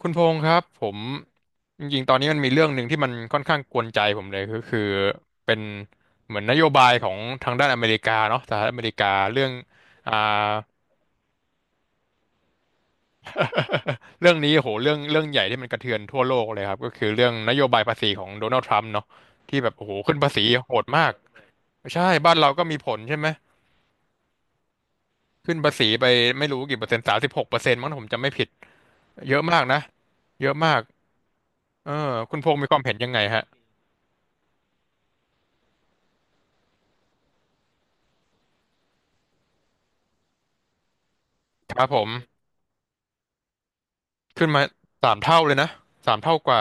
คุณพงษ์ครับผมจริงๆตอนนี้มันมีเรื่องหนึ่งที่มันค่อนข้างกวนใจผมเลยก็คือเป็นเหมือนนโยบายของทางด้านอเมริกาเนาะสหรัฐอเมริกาเรื่องอ่าเรื่องนี้โหเรื่องใหญ่ที่มันกระเทือนทั่วโลกเลยครับก็คือเรื่องนโยบายภาษีของโดนัลด์ทรัมป์เนาะที่แบบโอ้โหขึ้นภาษีโหดมากใช่บ้านเราก็มีผลใช่ไหมขึ้นภาษีไปไม่รู้กี่เปอร์เซ็นต์36%มั้งถ้าผมจำไม่ผิดเยอะมากนะเยอะมากเออคุณพงษ์มีความเห็นยังไงฮะครับผม ขึ้นมาสามเท่าเลยนะสามเท่ากว่า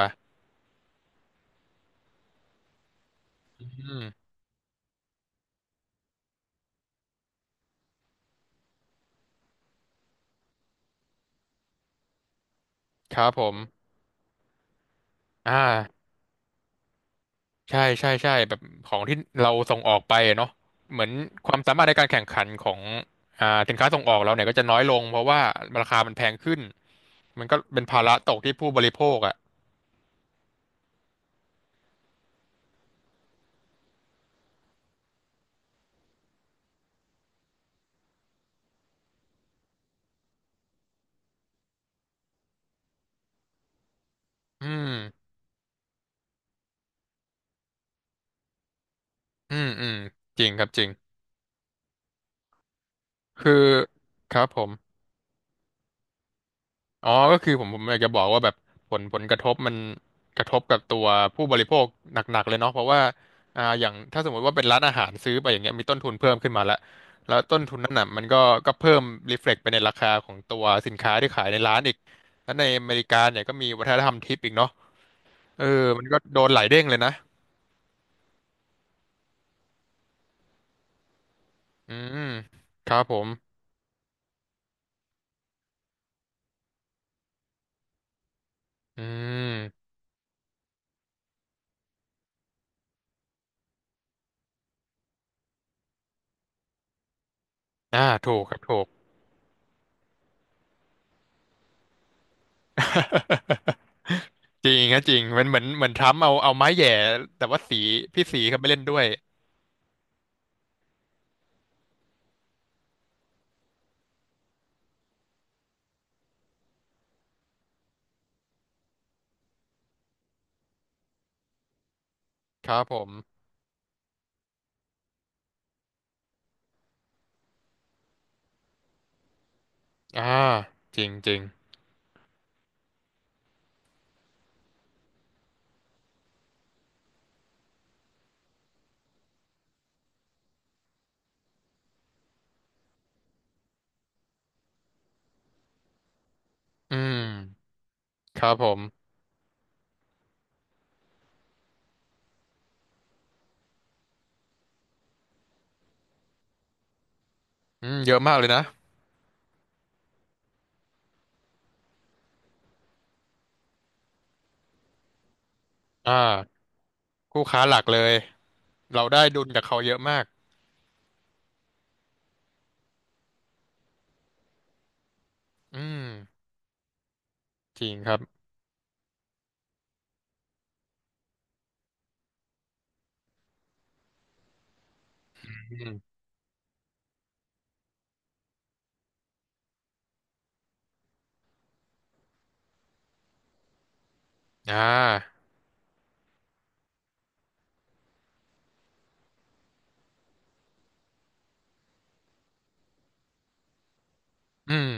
ครับผมอ่าใช่ใช่ใช่แบบของที่เราส่งออกไปอะเนาะเหมือนความสามารถในการแข่งขันของสินค้าส่งออกเราเนี่ยก็จะน้อยลงเพราะว่าราคามันแพงขึ้นมันก็เป็นภาระตกที่ผู้บริโภคอ่ะอืมอืมอืมจริงครับจริงคือครับผม อ๋อ ก็คือผมอยากจะบอกว่าแบบผลกระทบมันกระทบกับตัวผู้บริโภคหนักๆเลยเนาะเพราะว่าอย่างถ้าสมมติว่าเป็นร้านอาหารซื้อไปอย่างเงี้ยมีต้นทุนเพิ่มขึ้นมาแล้วแล้วต้นทุนนั้นน่ะมันก็เพิ่มรีเฟล็กไปในราคาของตัวสินค้าที่ขายในร้านอีกแล้วในอเมริกาเนี่ยก็มีวัฒนธรรมทิปอีกเนาะเออมันก็โดนหลายเด้งเลยนะอืมครับผมอืมอ่าถูกครับถูก จริงครับจริงมันเหมือนเหมือนทรัมป์เอาไม้แหย่แต่ว่าสีพี่สีเขาไม่เล่นด้วย ครับผมอ่าจริงจริงอืมครับผมอืมเยอะมากเลยนะอ่าคู่ค้าหลักเลย เราได้ดุลจากเขาเยอะมากอืมจริงครับอืมอ่าอืม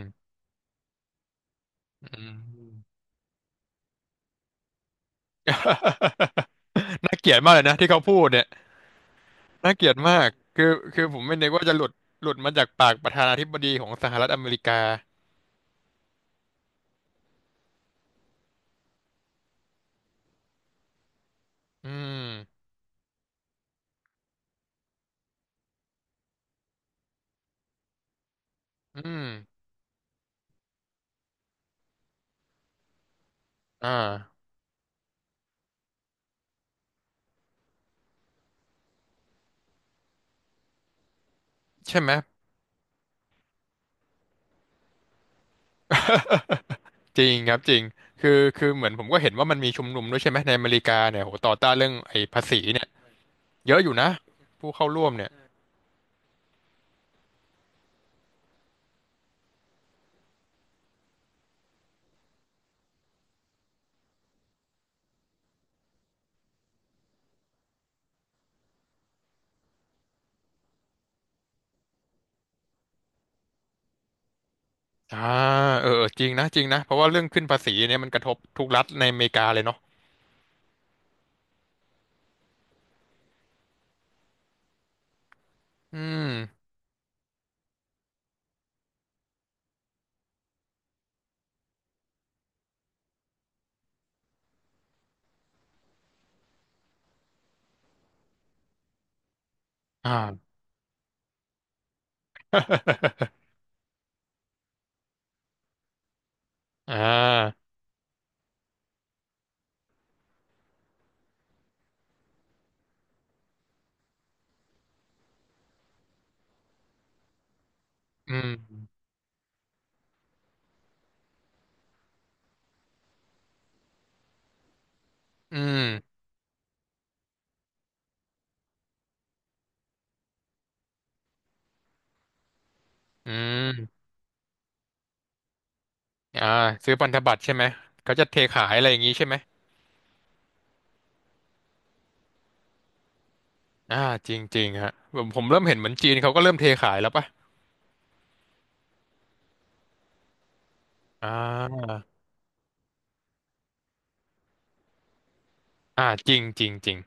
อืม น่าเกลียดมากเลยนะที่เขาพูดเนี่ยน่าเกลียดมากคือคือผมไม่นึกว่าจะหลุดหลุดมาจากปากประธานาธิบดีของสหรัฐอเมริกาอืมอืมอ่าใช่ไหม จริงครับจริงคือคือเหมือนผมก็เห็นว่ามันมีชุมนุมด้วยใช่ไหมในอเมริกาเนี่ยโหต่อต้านเรื่องไอ้ภาษีเนี่ยเยอะอยู่นะผู้เข้าร่วมเนี่ยอ่าเออเออจริงนะจริงนะเพราะว่าเรื่องขึ้นภาษีเนี่ยมันกระทบทุกรัฐในอเมริกาเลยเนาะอืมอ่า อ่าอืมอืมอืมอ่าซื้อพันธบัตรใช่ไหมเขาจะเทขายอะไรอย่างงี้ใช่ไหมอ่าจริงจริงฮะผมเริ่มเห็นเหมือนจีนเขาก็เริ่มเทขายแล้วป่ะอ่าอ่าจริงจริงจริง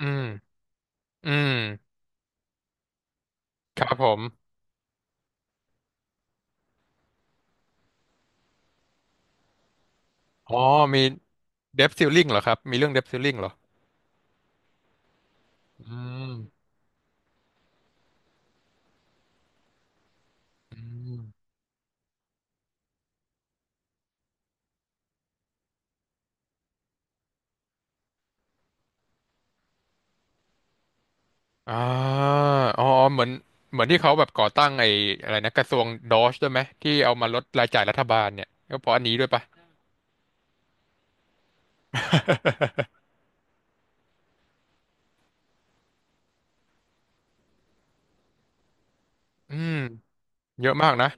อืมอืมครับผม อ๋อ มีเดฟซิลลิงเหรอครับ มีเรื่องเดฟซิลลิงเหรออืมอืมอ่าอ๋อ เหมือน เหมือนที่เขาแบบก่อตั้งไอ้อะไรนะ กระทรวงดอชด้วยไหมที่เอามาลดรายจ่ายรัฐบาลเนี่ยก็เพราะอันนี้ด้วยปะอืม เยอะมากนะ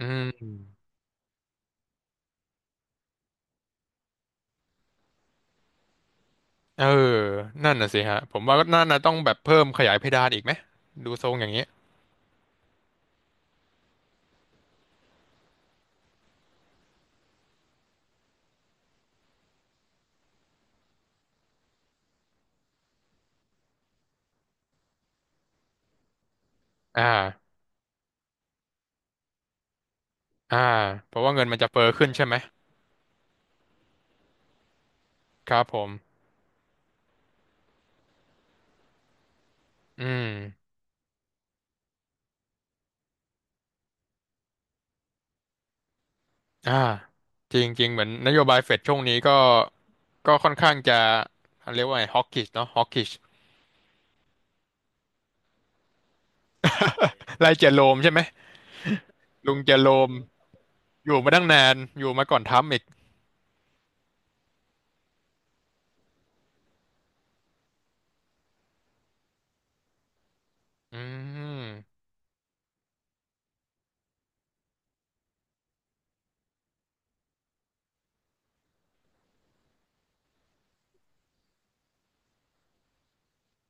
อืม เออ นั่นน่ะสิฮะ ผมว่าน่าน่ะต้องแบบเพิ่มขยายเพดานอีกไหมดูทรงอย่างนี้ อ่า อ่า เพราะว่าเงินมันจะเฟ้อขึ้นใช่ไหมครับผมอืม อ่าจริงจริงเหมือนนโยบายเฟดช่วงนี้ก็ก็ค่อนข้างจะเรียกว่าไงฮอกกิชเนาะฮอกกิชไล่เจอโรมใช่ไหมลุงเจอโรมอยู่มาตั้งนานอยู่มาก่อนทรัมป์อีกอืม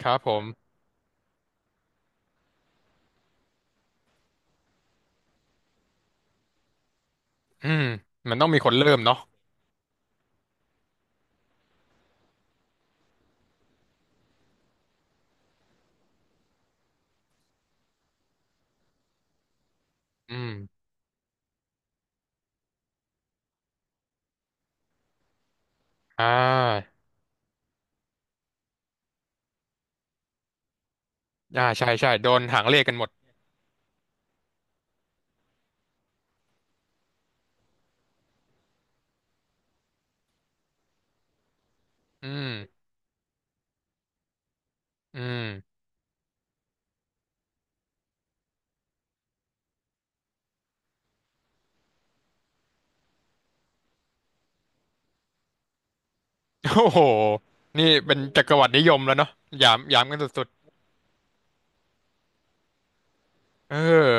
ครับผมอืมมันต้องมีคนเริ่มเนาะอืมอ่าอ่าใช่ใช่โดนหางเลขกันหมดอืมอืมโอ้โหนี่เป็นจักรวรรดินิยมแล้วเนาะหยามหยามกันสุดๆเออ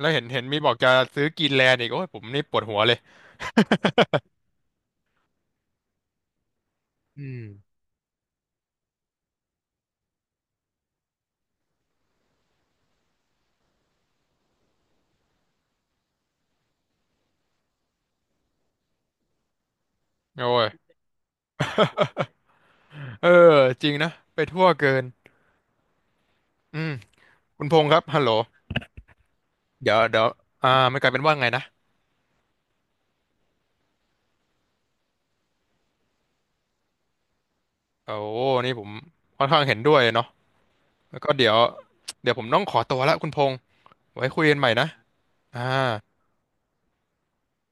แล้วเห็นเห็นมีบอกจะซื้อกรีนแลนด์อีกโอ้ยผมนี่ปวดหัวเลย อืมโอ้ย เออจริงนะไปทั่วเกิน อืมคุณพงษ์ครับฮัลโหลเดี๋ยวเดี๋ยวอ่าไม่กลายเป็นว่าไงนะโอ้นี่ผมค่อนข้างเห็นด้วยเนาะแล้วก็เดี๋ยวเดี๋ยวผมต้องขอตัวละคุณพงษ์ไว้คุยกันใหม่นะอ่า